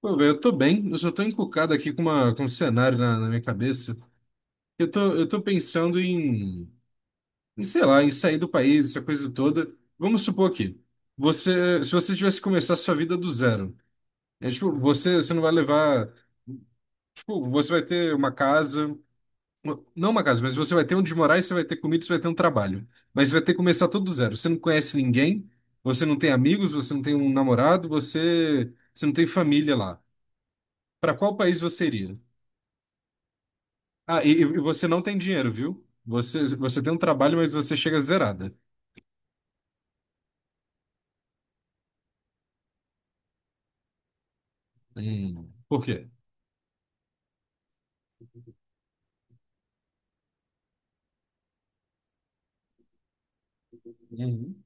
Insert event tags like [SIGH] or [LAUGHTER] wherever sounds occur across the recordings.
Pô, velho, eu tô bem, eu só tô encucado aqui com um cenário na minha cabeça. Eu tô pensando em sei lá, em sair do país, essa coisa toda. Vamos supor aqui, você, se você tivesse que começar a sua vida do zero, é, tipo, você não vai levar, tipo, você vai ter uma casa, não uma casa, mas você vai ter onde morar, e você vai ter comida, e você vai ter um trabalho. Mas você vai ter que começar tudo do zero. Você não conhece ninguém, você não tem amigos, você não tem um namorado, você não tem família lá. Para qual país você iria? Ah, e você não tem dinheiro, viu? Você tem um trabalho, mas você chega zerada. Hum. Por quê? Uhum.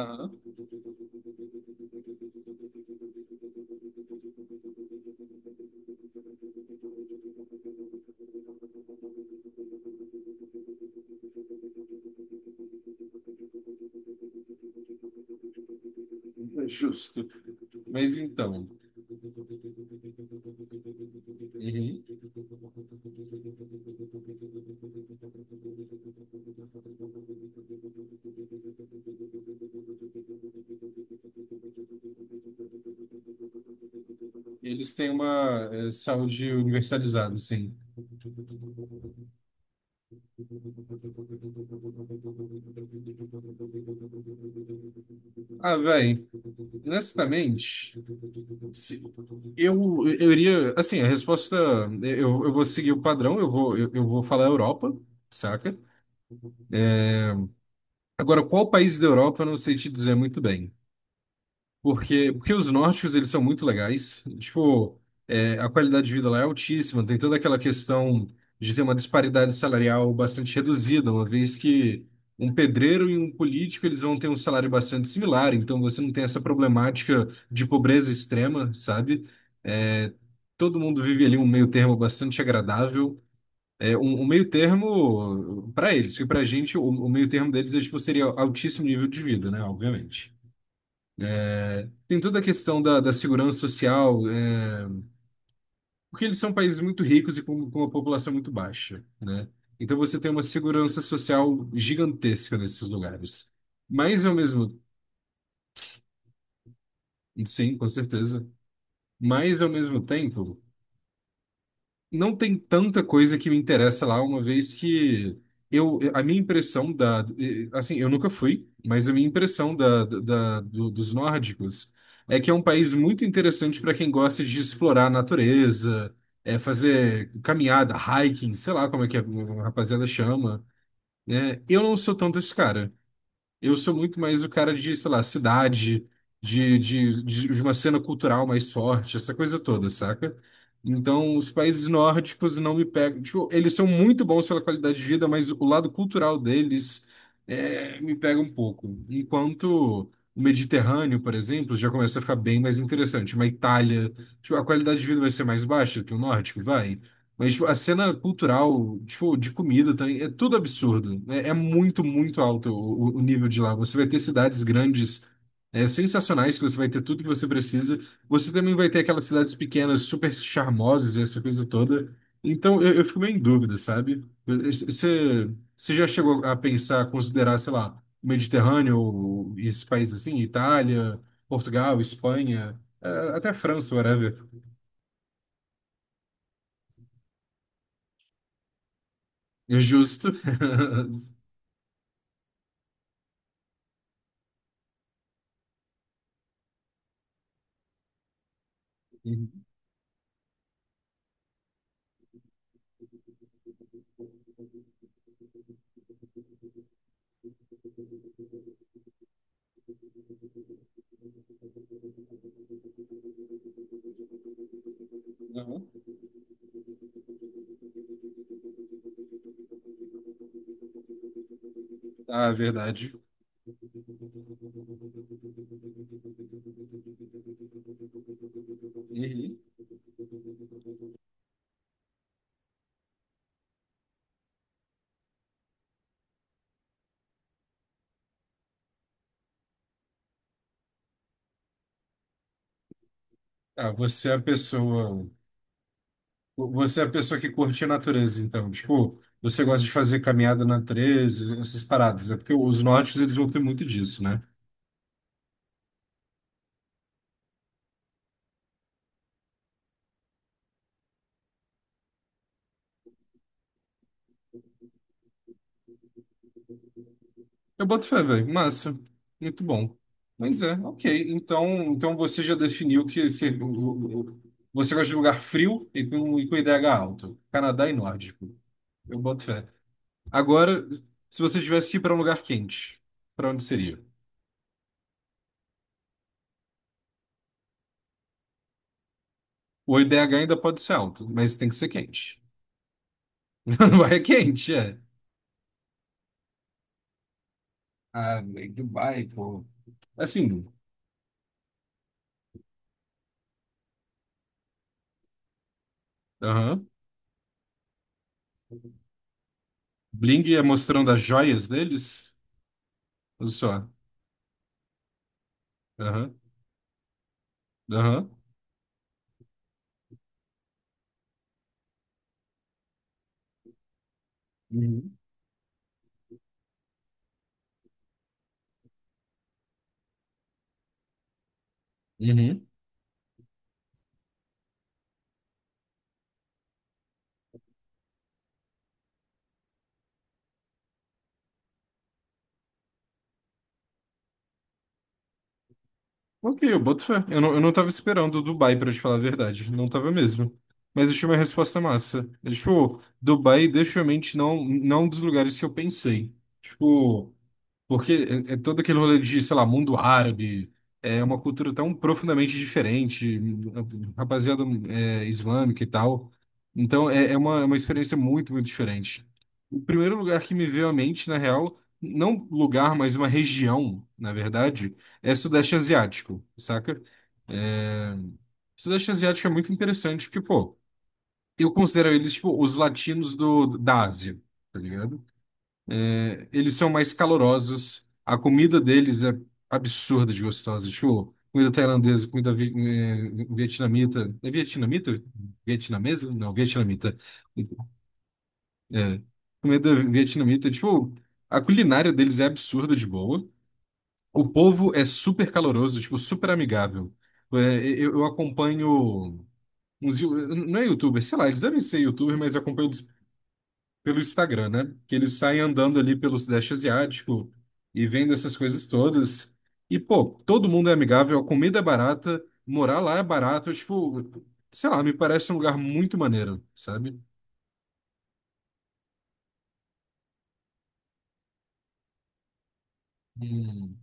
Aham. Justo. Mas então, uhum. Eles têm uma saúde universalizada, assim. Ah, velho, honestamente, se- eu iria. Assim, a resposta. Eu vou seguir o padrão, eu vou falar Europa, saca? Agora, qual país da Europa, eu não sei te dizer muito bem. Porque os nórdicos, eles são muito legais. Tipo, é, a qualidade de vida lá é altíssima. Tem toda aquela questão de ter uma disparidade salarial bastante reduzida, uma vez que um pedreiro e um político, eles vão ter um salário bastante similar. Então, você não tem essa problemática de pobreza extrema, sabe? É, todo mundo vive ali um meio termo bastante agradável. É, um meio termo para eles. E para a gente, o meio termo deles é, tipo, seria altíssimo nível de vida, né? Obviamente. Tem toda a questão da segurança social, é, porque eles são países muito ricos e com uma população muito baixa, né? Então você tem uma segurança social gigantesca nesses lugares. Mas ao mesmo, sim, com certeza. Mas ao mesmo tempo não tem tanta coisa que me interessa lá, uma vez que eu, a minha impressão da, assim, eu nunca fui, mas a minha impressão dos nórdicos é que é um país muito interessante para quem gosta de explorar a natureza, é, fazer caminhada, hiking, sei lá como é que a rapaziada chama, né? Eu não sou tanto esse cara. Eu sou muito mais o cara de, sei lá, cidade, de uma cena cultural mais forte, essa coisa toda, saca? Então, os países nórdicos não me pegam. Tipo, eles são muito bons pela qualidade de vida, mas o lado cultural deles é, me pega um pouco. Enquanto o Mediterrâneo, por exemplo, já começa a ficar bem mais interessante. Uma Itália, tipo, a qualidade de vida vai ser mais baixa que o nórdico, vai. Mas tipo, a cena cultural, tipo, de comida também, é tudo absurdo. É, é muito alto o nível de lá. Você vai ter cidades grandes, é, sensacionais, que você vai ter tudo que você precisa. Você também vai ter aquelas cidades pequenas, super charmosas, e essa coisa toda. Então, eu fico meio em dúvida, sabe? Você já chegou a pensar, a considerar, sei lá, o Mediterrâneo, ou esses países assim, Itália, Portugal, Espanha, até França, whatever. É Justo. [LAUGHS] Não. Ah, verdade. Uhum. Ah, você é a pessoa. Você é a pessoa que curte a natureza, então. Tipo, você gosta de fazer caminhada na natureza, essas paradas. É porque os nortes, eles vão ter muito disso, né? Eu boto fé, velho. Massa. Muito bom. Mas é, ok. Então, então você já definiu que você gosta de lugar frio e e com IDH alto. Canadá e nórdico. Eu boto fé. Agora, se você tivesse que ir para um lugar quente, para onde seria? O IDH ainda pode ser alto, mas tem que ser quente. [LAUGHS] Dubai é quente, é. Ah, velho, Dubai, pô. Assim, aham. Bling é mostrando as joias deles? Olha só. Aham, aham. Uhum. Uhum. Ok, eu boto fé. Eu não tava esperando o Dubai, pra te falar a verdade. Não tava mesmo. Mas achei uma resposta massa. É, tipo, Dubai, definitivamente, não é um dos lugares que eu pensei. Tipo. Porque é, é todo aquele rolê de, sei lá, mundo árabe, é uma cultura tão profundamente diferente, rapaziada é, islâmica e tal. Então é, é uma experiência muito, muito diferente. O primeiro lugar que me veio à mente, na real, não lugar, mas uma região, na verdade, é Sudeste Asiático, saca? É... Sudeste Asiático é muito interessante porque, pô, eu considero eles, tipo, os latinos da Ásia, tá ligado? É, eles são mais calorosos. A comida deles é absurda de gostosa. Tipo, comida tailandesa, comida vietnamita. É vietnamita? Vietnamesa? Não, vietnamita. É. Comida vietnamita. Tipo, a culinária deles é absurda de boa. O povo é super caloroso, tipo, super amigável. É, eu acompanho uns... Não é youtuber, sei lá, eles devem ser youtuber, mas eu acompanho pelo Instagram, né? Que eles saem andando ali pelo Sudeste Asiático e vendo essas coisas todas. E, pô, todo mundo é amigável, a comida é barata, morar lá é barato. Tipo, sei lá, me parece um lugar muito maneiro, sabe? Hum.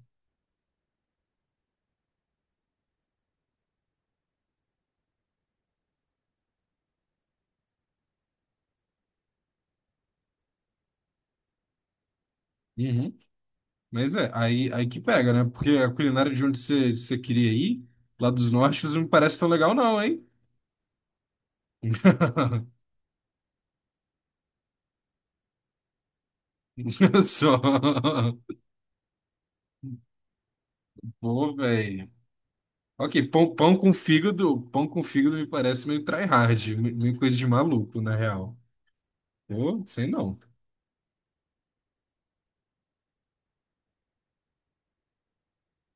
Uhum. Mas é, aí que pega, né? Porque a culinária de onde você queria ir, lá dos nortes, não me parece tão legal, não, hein? [LAUGHS] Olha só. Pô, velho. Ok, pão, pão com fígado me parece meio tryhard, meio coisa de maluco, na real. Eu sei não.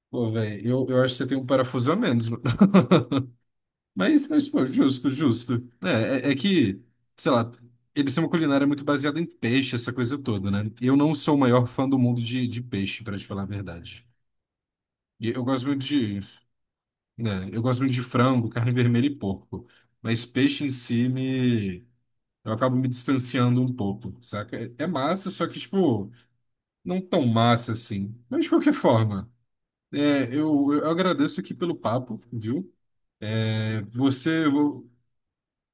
Pô, velho, eu acho que você tem um parafuso a menos, mano. [LAUGHS] Mas pô, justo. É que, sei lá, eles têm uma culinária muito baseada em peixe, essa coisa toda, né? Eu não sou o maior fã do mundo de peixe, pra te falar a verdade. E eu gosto muito de, né, eu gosto muito de frango, carne vermelha e porco. Mas peixe em si me... Eu acabo me distanciando um pouco, saca? É massa, só que, tipo... não tão massa assim. Mas de qualquer forma, é, eu agradeço aqui pelo papo, viu? É,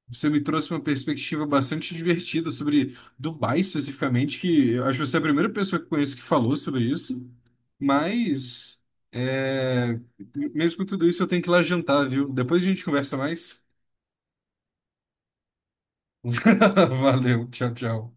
você me trouxe uma perspectiva bastante divertida sobre Dubai especificamente, que eu acho que você é a primeira pessoa que conheço que falou sobre isso. Mas, é, mesmo com tudo isso, eu tenho que ir lá jantar, viu? Depois a gente conversa mais. [LAUGHS] Valeu, tchau, tchau.